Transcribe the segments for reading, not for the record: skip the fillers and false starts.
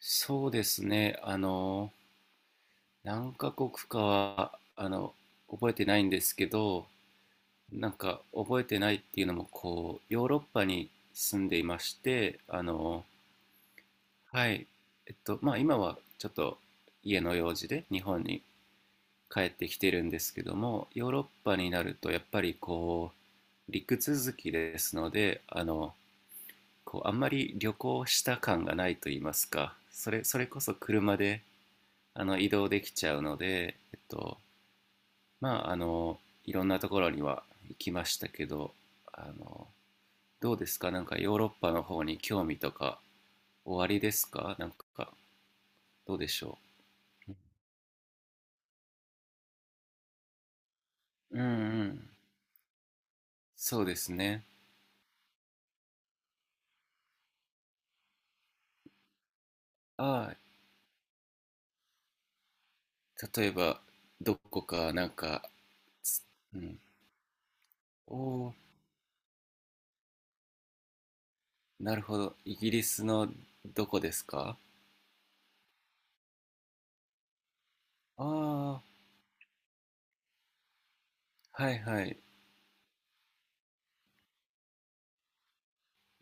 そうですね。何カ国かは、覚えてないんですけど、なんか覚えてないっていうのも、こう、ヨーロッパに住んでいまして、はい。まあ今はちょっと家の用事で日本に帰ってきてるんですけども、ヨーロッパになるとやっぱりこう、陸続きですので、こう、あんまり旅行した感がないと言いますか、それこそ車で、移動できちゃうので、まあ、いろんなところには行きましたけど、あの、どうですか？なんかヨーロッパの方に興味とか、おありですか？なんか、どうでしょう？うんうん。そうですね。ああ、例えば、どこか、なんか、つうん。おー、なるほど。イギリスのどこですか？ああ、はいはい。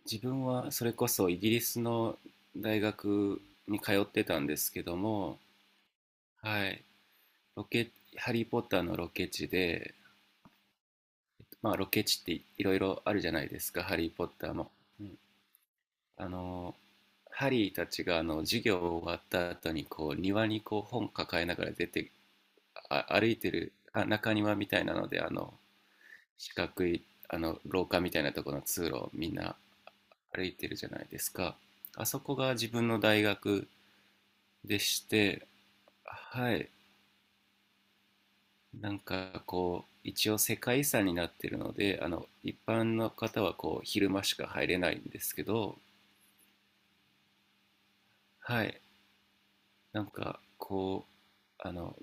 自分はそれこそイギリスの大学に通ってたんですけども、はい、ロケ、ハリー・ポッターのロケ地で、まあロケ地っていろいろあるじゃないですか、ハリー・ポッターも。うん、あの、ハリーたちが授業終わった後にこう庭にこう本抱えながら出て歩いてる中庭みたいなので四角い廊下みたいなところの通路をみんな歩いてるじゃないですか。あそこが自分の大学でして、はい、なんかこう、一応世界遺産になってるので、一般の方はこう、昼間しか入れないんですけど、はい、なんかこう、あの、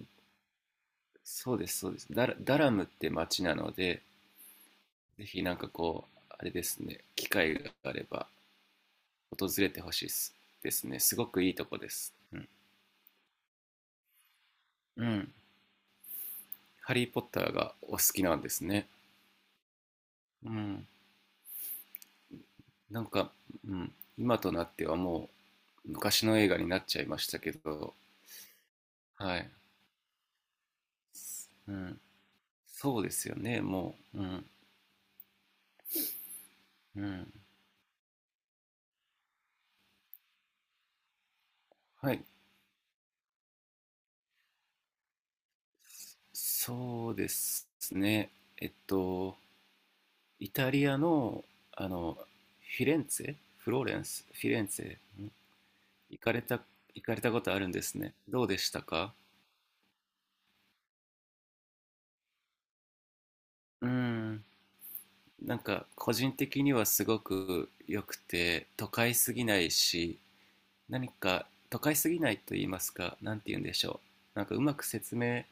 そうです、そうです。ダラムって町なので、ぜひなんかこう、あれですね、機会があれば訪れてほしいですね。すごくいいとこです。うん。うん。ハリー・ポッターがお好きなんですね。うん。なんか、うん。今となっては昔の映画になっちゃいましたけど、はい。うん、そうですよね、もう。うん、うん。はい。そうですね。えっと、イタリアの、あの、フィレンツェ行かれた、行かれたことあるんですね。どうでしたか？うん。なんか、個人的にはすごく良くて、都会すぎないし、何か都会すぎないと言いますか、何て言うんでしょう、なんかうまく説明、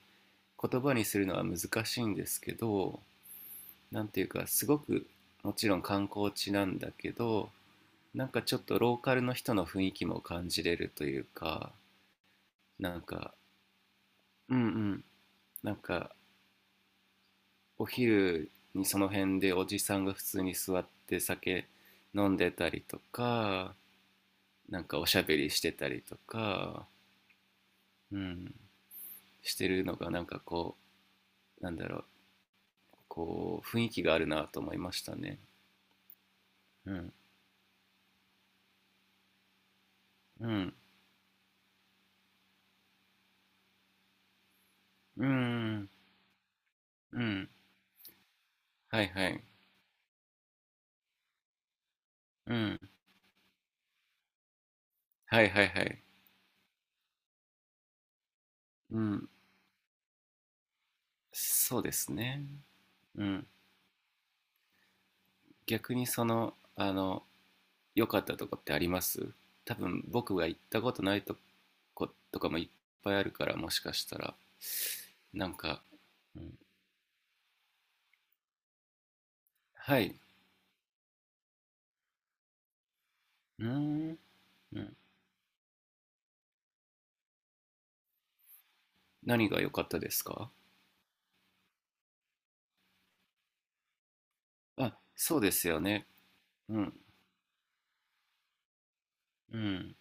言葉にするのは難しいんですけど、何ていうかすごく、もちろん観光地なんだけど、なんかちょっとローカルの人の雰囲気も感じれるというか、なんか、うんうん、なんかお昼にその辺でおじさんが普通に座って酒飲んでたりとか、なんかおしゃべりしてたりとか、うん、してるのがなんかこう、なんだろう、こう、雰囲気があるなと思いましたね。うん。うん。うん。うん。はいはい。うん。はいはいはい。うん。そうですね。うん。逆にその、良かったとこってあります？多分僕が行ったことないとことかもいっぱいあるから、もしかしたら。なんか、うん、はい。うーん。うん。何が良かったですか？あ、そうですよね。うん。うん。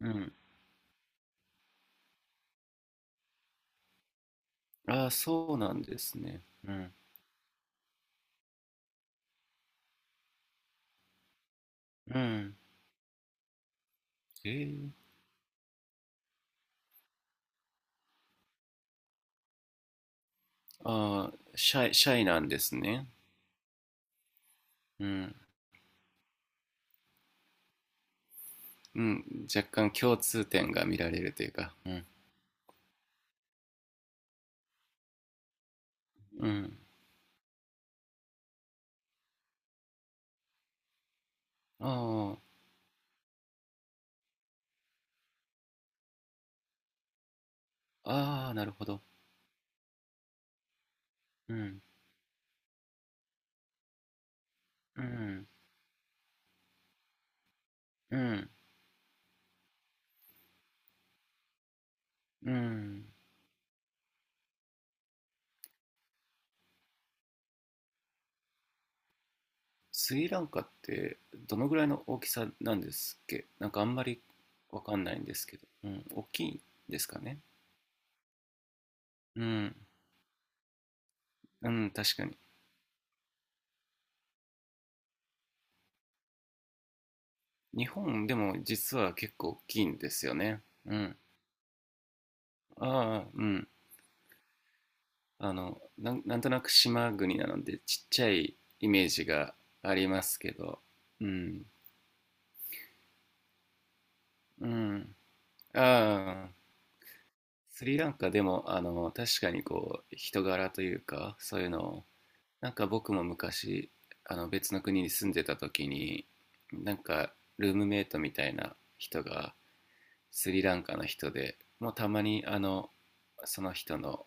うん。ああ、そうなんですね。うん。うん。えー、ああ、シャイ、シャイなんですね。うん。うん。若干共通点が見られるというか。うん。うん。ああ、ああ、なるほど。うん。うん。うん。うん。スリランカってどのぐらいの大きさなんですっけ？なんかあんまりわかんないんですけど。うん。大きいんですかね。うん。うん、確かに。日本でも実は結構大きいんですよね。うん。ああ、うん。あの、なんとなく島国なのでちっちゃいイメージがありますけど、うん、うん。ああ、スリランカでも、確かにこう、人柄というか、そういうのを、なんか僕も昔、別の国に住んでた時に、なんか、ルームメイトみたいな人が、スリランカの人で、もうたまに、その人の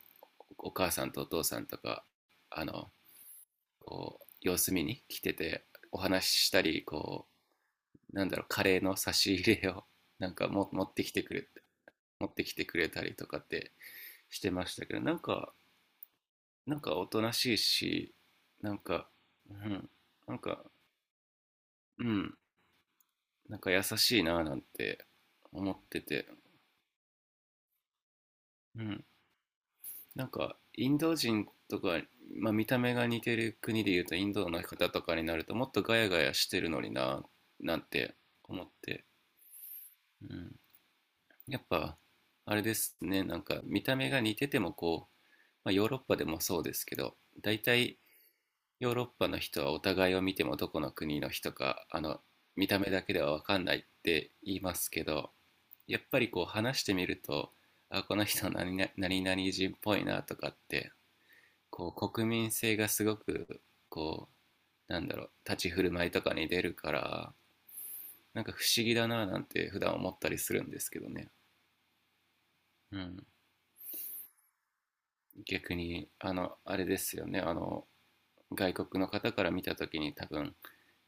お母さんとお父さんとか、あの、こう様子見に来てて、お話ししたり、こう、なんだろう、カレーの差し入れを なんかも持ってきてくれたりとかってしてましたけど、なんか、なんかおとなしいし、なんか、うん、なんか、うん、なんか優しいななんて思ってて、うん、なんかインド人とか、まあ、見た目が似てる国でいうとインドの方とかになるともっとガヤガヤしてるのにな、なんて思って、うん、やっぱ、あれですね、なんか見た目が似ててもこう、まあ、ヨーロッパでもそうですけど、大体ヨーロッパの人はお互いを見てもどこの国の人か、見た目だけでは分かんないって言いますけど、やっぱりこう話してみると、あ、この人何々何々人っぽいなとかって、こう国民性がすごく、こう、なんだろう、立ち振る舞いとかに出るから、なんか不思議だななんて普段思ったりするんですけどね。うん。逆にあれですよね、外国の方から見た時に多分、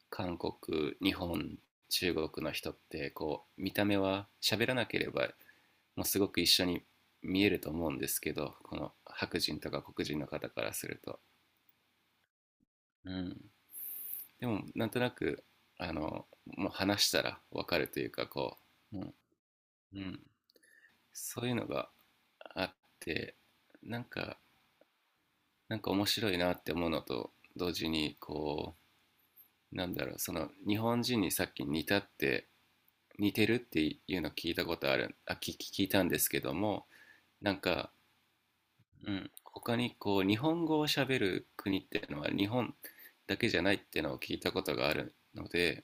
韓国、日本、中国の人ってこう見た目は、喋らなければもうすごく一緒に見えると思うんですけど、この白人とか黒人の方からすると、うん、でもなんとなく、もう話したら分かるというか、こう、うんうん、そういうのがあって、なんか、なんか面白いなって思うのと同時に、なんだろう、その日本人にさっき似てるっていうの聞いたことある、聞いたんですけども、なんか、うん、他にこう、日本語を喋る国っていうのは日本だけじゃないっていうのを聞いたことがあるので、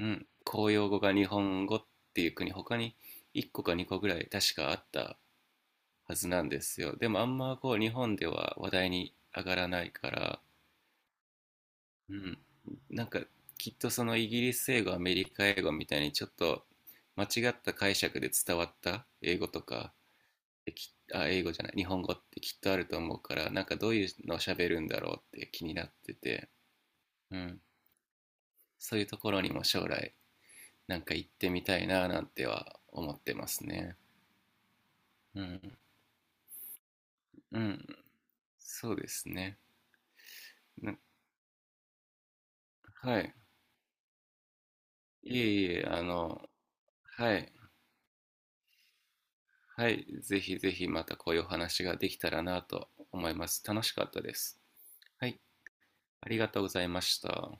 うん、公用語が日本語っていう国、他に1個か2個ぐらい確かあったはずなんですよ。でもあんまこう、日本では話題に上がらないから、うん、なんかきっとその、イギリス英語、アメリカ英語みたいにちょっと間違った解釈で伝わった英語とかって、英語じゃない日本語ってきっとあると思うから、なんかどういうのを喋るんだろうって気になってて、うん、そういうところにも将来なんか行ってみたいななんては思ってますね。うん、うん、そうですね。なはい。いえいえ、はい。はい、ぜひぜひまたこういうお話ができたらなと思います。楽しかったです。はい、ありがとうございました。